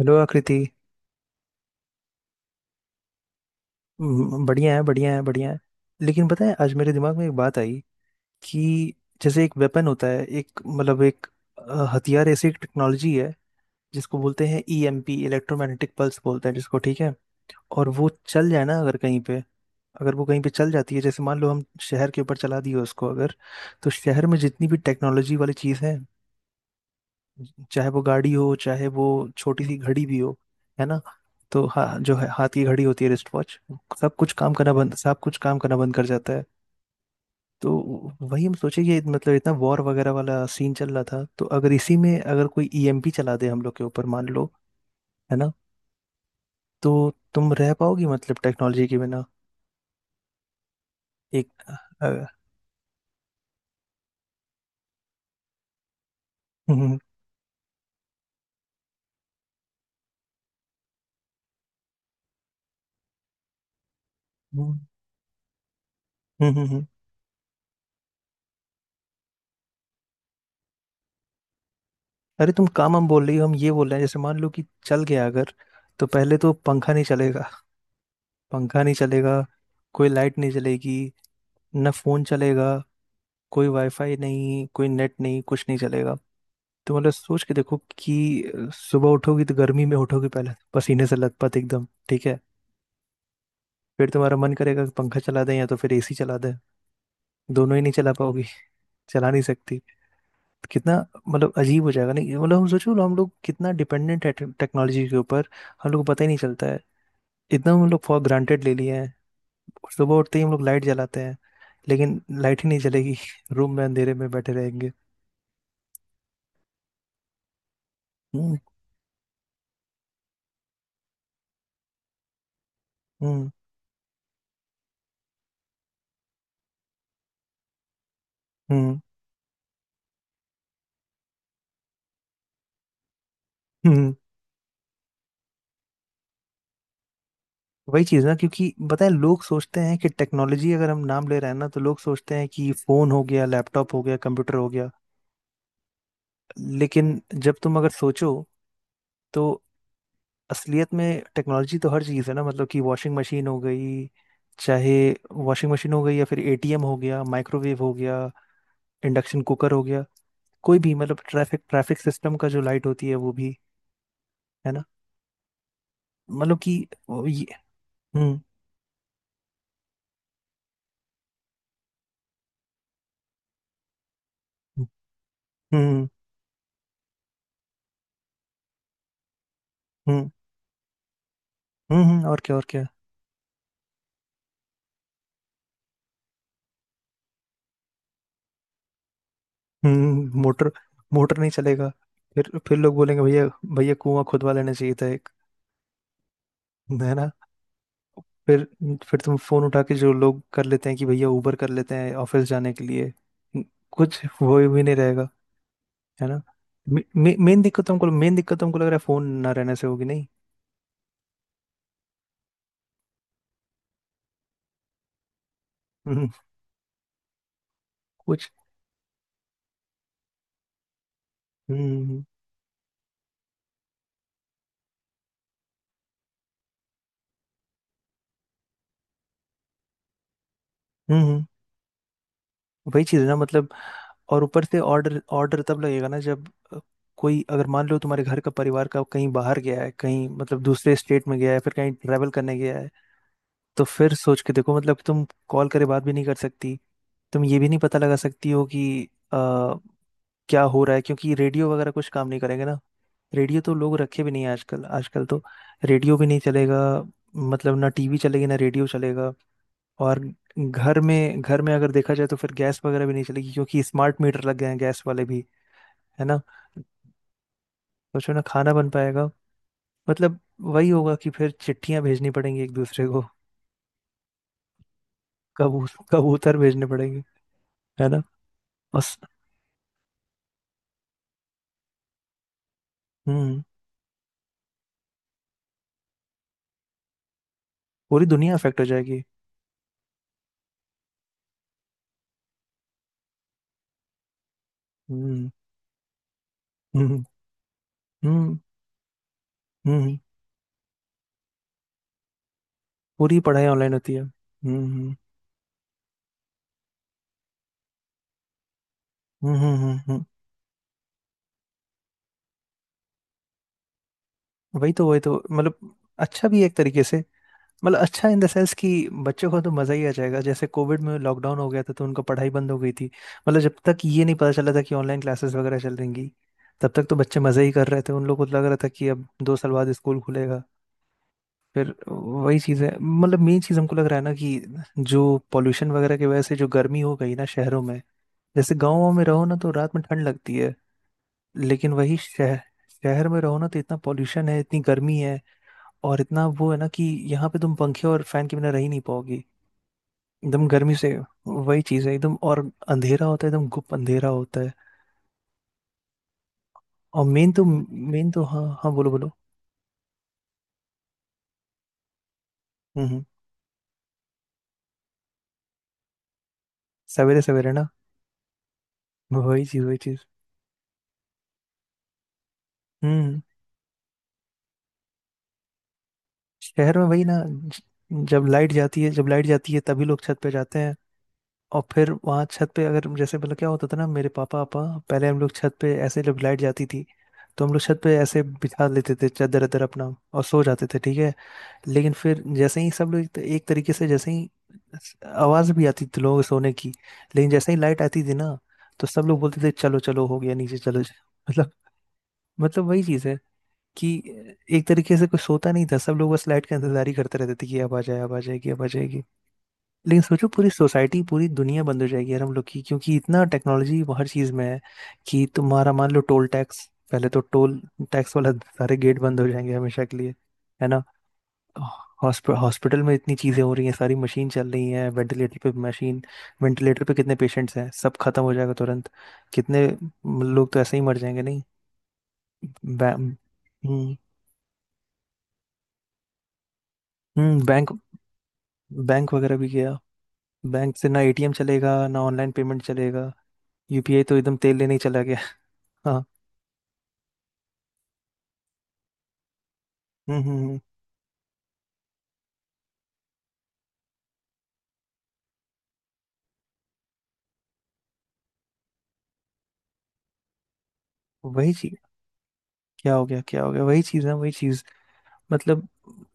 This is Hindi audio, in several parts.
हेलो आकृति। बढ़िया है, बढ़िया है, बढ़िया है। लेकिन पता है, आज मेरे दिमाग में एक बात आई कि जैसे एक वेपन होता है, एक मतलब एक हथियार, ऐसी एक टेक्नोलॉजी है जिसको बोलते हैं ईएमपी, इलेक्ट्रोमैग्नेटिक पल्स बोलते हैं जिसको, ठीक है? और वो चल जाए ना अगर कहीं पे, अगर वो कहीं पे चल जाती है, जैसे मान लो हम शहर के ऊपर चला दिए उसको अगर, तो शहर में जितनी भी टेक्नोलॉजी वाली चीज़ है, चाहे वो गाड़ी हो, चाहे वो छोटी सी घड़ी भी हो, है ना? तो हाँ, जो है हाथ की घड़ी होती है, रिस्ट वॉच, सब कुछ काम करना बंद कर जाता है। तो वही हम सोचे, ये मतलब इतना वॉर वगैरह वाला सीन चल रहा था, तो अगर इसी में अगर कोई ईएमपी चला दे हम लोग के ऊपर मान लो, है ना, तो तुम रह पाओगी मतलब टेक्नोलॉजी के बिना? एक अ, हम्म। हम्म। हम्म। अरे, तुम काम हम बोल रही हो, हम ये बोल रहे हैं, जैसे मान लो कि चल गया अगर, तो पहले तो पंखा नहीं चलेगा, पंखा नहीं चलेगा, कोई लाइट नहीं चलेगी, ना फोन चलेगा, कोई वाईफाई नहीं, कोई नेट नहीं, कुछ नहीं चलेगा। तो मतलब सोच के देखो कि सुबह उठोगी तो गर्मी में उठोगी, पहले पसीने से लथपथ एकदम, ठीक है? फिर तुम्हारा मन करेगा कि पंखा चला दें या तो फिर एसी चला दें, दोनों ही नहीं चला पाओगी, चला नहीं सकती। तो कितना मतलब अजीब हो जाएगा नहीं, मतलब हम सोचो, हम लोग कितना डिपेंडेंट है टेक्नोलॉजी के ऊपर। हम लोग को पता ही नहीं चलता है, इतना हम लोग फॉर ग्रांटेड ले लिए हैं। और सुबह उठते ही हम लोग लाइट जलाते हैं, लेकिन लाइट ही नहीं जलेगी रूम में अंधेरे में बैठे रहेंगे। हम्म। हम्म। हम्म। हम्म। वही चीज ना, क्योंकि बताए लोग सोचते हैं कि टेक्नोलॉजी अगर हम नाम ले रहे हैं ना, तो लोग सोचते हैं कि फोन हो गया, लैपटॉप हो गया, कंप्यूटर हो गया। लेकिन जब तुम अगर सोचो, तो असलियत में टेक्नोलॉजी तो हर चीज़ है ना, मतलब कि वॉशिंग मशीन हो गई, चाहे वॉशिंग मशीन हो गई या फिर एटीएम हो गया, माइक्रोवेव हो गया, इंडक्शन कुकर हो गया, कोई भी मतलब, ट्रैफिक ट्रैफिक सिस्टम का जो लाइट होती है वो भी। है ना? मतलब कि वो ये, हम्म। हम्म। हम्म। हम्म। और क्या, और क्या। हम्म, मोटर मोटर नहीं चलेगा। फिर लोग बोलेंगे, भैया, भैया कुआं खुदवा लेना चाहिए था एक, है ना? फिर फिर तुम फोन उठा के जो लोग कर लेते हैं कि भैया उबर कर लेते हैं ऑफिस जाने के लिए, कुछ वो भी नहीं रहेगा। है ना? मे, मे, मेन दिक्कत तुमको लग रहा है फोन ना रहने से होगी नहीं? हम्म, कुछ, हम्म, हम्म, हम्म, हम्म, वही चीज है ना मतलब। और ऊपर से, ऑर्डर ऑर्डर तब लगेगा ना जब कोई अगर मान लो तुम्हारे घर का, परिवार का कहीं बाहर गया है, कहीं मतलब दूसरे स्टेट में गया है, फिर कहीं ट्रैवल करने गया है, तो फिर सोच के देखो मतलब, तुम कॉल करे बात भी नहीं कर सकती, तुम ये भी नहीं पता लगा सकती हो कि आ, क्या हो रहा है, क्योंकि रेडियो वगैरह कुछ काम नहीं करेंगे ना। रेडियो तो लोग रखे भी नहीं हैं आजकल, आजकल तो रेडियो भी नहीं चलेगा। मतलब ना टीवी चलेगी, ना रेडियो चलेगा। और घर में अगर देखा जाए तो फिर गैस वगैरह भी नहीं चलेगी, क्योंकि स्मार्ट मीटर लग गए हैं गैस वाले भी। है ना? सोचो ना खाना बन पाएगा? मतलब वही होगा कि फिर चिट्ठियां भेजनी पड़ेंगी एक दूसरे को। कबू कबूतर भेजने पड़ेंगे। है ना? बस, हम्म, पूरी दुनिया अफेक्ट हो जाएगी। हम्म। हम्म। हम्म। हम्म। पूरी पढ़ाई ऑनलाइन होती है। हम्म। हम्म। हम्म। हम्म। वही तो, वही तो मतलब, अच्छा भी है एक तरीके से, मतलब अच्छा इन द सेंस कि बच्चों को तो मजा ही आ जाएगा, जैसे कोविड में लॉकडाउन हो गया था तो उनका पढ़ाई बंद हो गई थी, मतलब जब तक ये नहीं पता चला था कि ऑनलाइन क्लासेस वगैरह चल रही, तब तक तो बच्चे मजे ही कर रहे थे, उन लोगों को लग रहा था कि अब 2 साल बाद स्कूल खुलेगा। फिर वही चीज़ है मतलब, मेन चीज़ हमको लग रहा है ना कि जो पॉल्यूशन वगैरह की वजह से जो गर्मी हो गई ना शहरों में, जैसे गाँव में रहो ना तो रात में ठंड लगती है, लेकिन वही शहर शहर में रहो ना तो इतना पॉल्यूशन है, इतनी गर्मी है, और इतना वो है ना कि यहाँ पे तुम पंखे और फैन के बिना रह ही नहीं पाओगे, एकदम गर्मी से। वही चीज है एकदम, और अंधेरा होता है एकदम, गुप अंधेरा होता है, और मेन तो हाँ हाँ, बोलो बोलो। हम्म, सवेरे सवेरे ना, वही चीज, वही चीज। हम्म, शहर में वही ना, जब लाइट जाती है तभी लोग छत पे जाते हैं। और फिर वहाँ छत पे अगर, जैसे मतलब क्या होता था ना, मेरे पापा पापा पहले, हम लोग छत पे ऐसे जब लाइट जाती थी, तो हम लोग छत पे ऐसे बिछा लेते थे चादर अदर अपना, और सो जाते थे, ठीक है। लेकिन फिर जैसे ही सब लोग एक तरीके से, जैसे ही आवाज भी आती थी लोगों के सोने की, लेकिन जैसे ही लाइट आती थी ना, तो सब लोग बोलते थे, चलो चलो, हो गया, नीचे चलो मतलब। मतलब वही चीज है कि एक तरीके से कोई सोता नहीं था, सब लोग बस लाइट का इंतजार ही करते रहते थे कि अब आ जाए, अब आ जाएगी, अब आ जाएगी। लेकिन सोचो पूरी सोसाइटी, पूरी दुनिया बंद हो जाएगी यार हम लोग की, क्योंकि इतना टेक्नोलॉजी हर चीज में है कि तुम्हारा मान लो टोल टैक्स, पहले तो टोल टैक्स वाला सारे गेट बंद हो जाएंगे हमेशा के लिए। है ना? हॉस्पिटल हॉस्पिटल में इतनी चीजें हो रही हैं, सारी मशीन चल रही है वेंटिलेटर पे, मशीन, वेंटिलेटर पे कितने पेशेंट्स हैं, सब खत्म हो जाएगा तुरंत। कितने लोग तो ऐसे ही मर जाएंगे नहीं? हम्म, बैंक बैंक वगैरह भी गया। बैंक से ना एटीएम चलेगा, ना ऑनलाइन पेमेंट चलेगा, यूपीआई तो एकदम तेल लेने ही चला गया। हाँ। हम्म, हम्म, वही चीज, क्या हो गया, क्या हो गया, वही चीज है, वही चीज। मतलब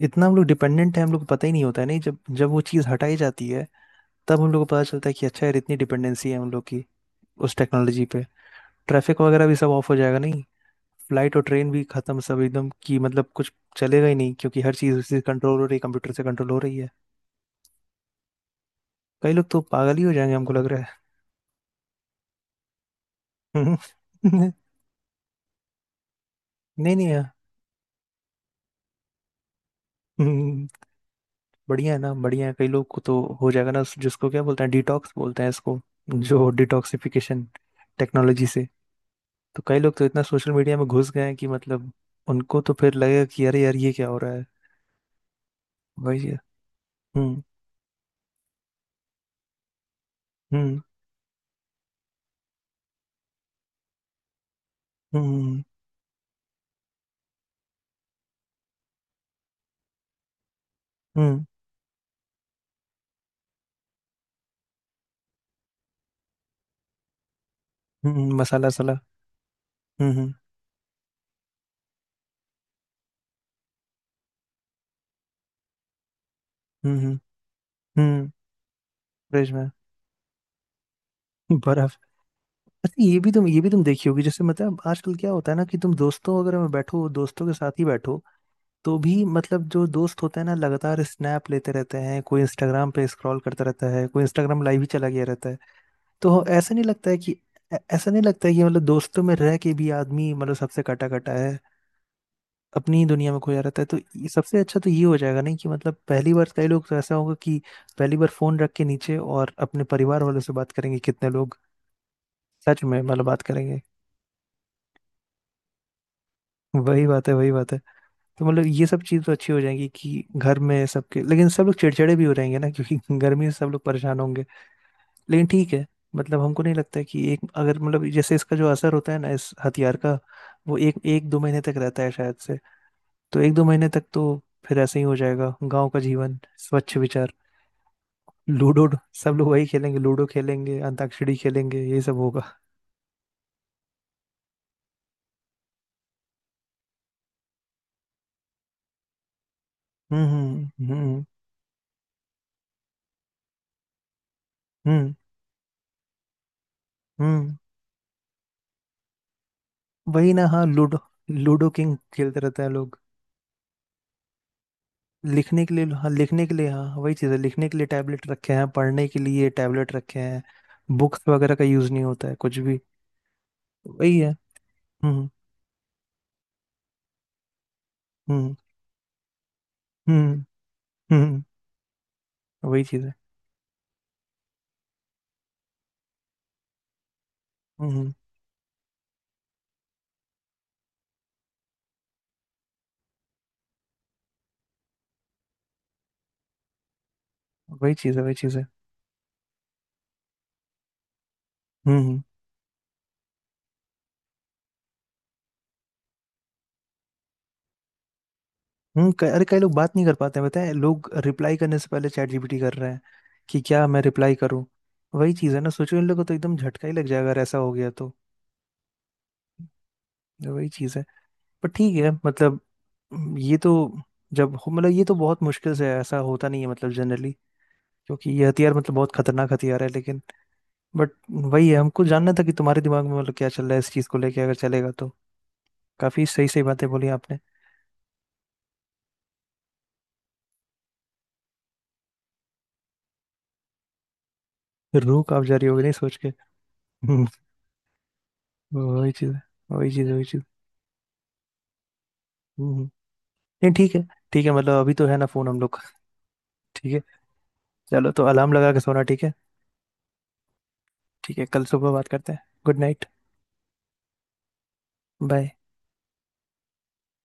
इतना हम लोग डिपेंडेंट है, हम लोग को पता ही नहीं होता है नहीं, जब जब वो चीज हटाई जाती है, तब हम लोग को पता चलता है कि अच्छा यार इतनी डिपेंडेंसी है हम लोग की उस टेक्नोलॉजी पे। ट्रैफिक वगैरह भी सब ऑफ हो जाएगा नहीं, फ्लाइट और ट्रेन भी खत्म, सब एकदम की मतलब कुछ चलेगा ही नहीं, क्योंकि हर चीज़ उसी कंट्रोल हो रही है, कंप्यूटर से कंट्रोल हो रही है। कई लोग तो पागल ही हो जाएंगे हमको लग रहा है। नहीं नहीं यार, हम्म, बढ़िया है ना, बढ़िया है। कई लोग को तो हो जाएगा ना, जिसको क्या बोलते हैं, डिटॉक्स बोलते हैं इसको, जो डिटॉक्सिफिकेशन टेक्नोलॉजी से, तो कई लोग तो इतना सोशल मीडिया में घुस गए हैं कि मतलब उनको तो फिर लगेगा कि अरे यार ये क्या हो रहा है। वही है। हम्म। हम्म। हम्म। हम्म। हम्म। मसाला सला। हम्म, हम्म, हम्म, हम्म, हम्म, फ्रिज में बर्फ। अच्छा, ये भी तुम देखी होगी, जैसे मतलब आजकल क्या होता है ना कि तुम दोस्तों अगर में बैठो, दोस्तों के साथ ही बैठो, तो भी मतलब जो दोस्त होते हैं ना, लगातार स्नैप लेते रहते हैं, कोई इंस्टाग्राम पे स्क्रॉल करता रहता है, कोई इंस्टाग्राम लाइव ही चला गया रहता है। तो ऐसा नहीं लगता है कि मतलब दोस्तों में रह के भी आदमी मतलब सबसे कटा कटा है, अपनी ही दुनिया में खोया रहता है। तो सबसे अच्छा तो ये हो जाएगा नहीं कि मतलब पहली बार, कई लोग तो ऐसा होगा कि पहली बार फोन रख के नीचे और अपने परिवार वालों से बात करेंगे कितने लोग, सच में मतलब बात करेंगे। वही बात है, वही बात है। तो मतलब ये सब चीज़ तो अच्छी हो जाएंगी कि घर में सबके, लेकिन सब लोग चिड़चिड़े भी हो रहेंगे ना, क्योंकि गर्मी से सब लोग परेशान होंगे। लेकिन ठीक है मतलब, हमको नहीं लगता है कि एक, अगर मतलब जैसे इसका जो असर होता है ना इस हथियार का, वो एक एक दो महीने तक रहता है शायद से। तो एक दो महीने तक तो फिर ऐसे ही हो जाएगा गांव का जीवन, स्वच्छ विचार, लूडो। सब लोग वही खेलेंगे, लूडो खेलेंगे, अंताक्षरी खेलेंगे, यही सब होगा। हम्म। हम्म। हम्म। हम्म। हम्म। वही ना, हाँ, लूडो लूडो किंग खेलते रहते हैं लोग। लिखने के लिए, हाँ, लिखने के लिए हाँ वही चीज़ है, लिखने के लिए टैबलेट रखे हैं, पढ़ने के लिए टैबलेट रखे हैं, बुक्स वगैरह का यूज नहीं होता है कुछ भी, वही है। हम्म। हम्म। हम्म। हम्म। वही चीज़ है, हम्म, वही चीज़ है, वही चीज़ है। हम्म, हम्म, अरे कई लोग बात नहीं कर पाते हैं, बताए लोग रिप्लाई करने से पहले चैट जीपीटी कर रहे हैं कि क्या मैं रिप्लाई करूं। वही चीज़ है ना, सोचो इन लोगों को तो एकदम झटका ही लग जाएगा अगर ऐसा हो गया तो। वही चीज़ है। पर ठीक है मतलब, ये तो, मतलब ये तो बहुत मुश्किल से है, ऐसा होता नहीं है मतलब जनरली, क्योंकि ये हथियार मतलब बहुत खतरनाक हथियार है, लेकिन, बट वही है, हमको जानना था कि तुम्हारे दिमाग में मतलब क्या चल रहा है इस चीज़ को लेके, अगर चलेगा तो। काफ़ी सही सही बातें बोली आपने। रूह कांप जा रही होगी नहीं सोच के। हम्म, वही चीज़ है, वही चीज़ है, वही चीज़। हम्म, नहीं, ठीक है, ठीक है मतलब, अभी तो है ना फोन हम लोग का, ठीक है। चलो, तो अलार्म लगा के सोना, ठीक है। ठीक है, कल सुबह बात करते हैं। Good night. बाय।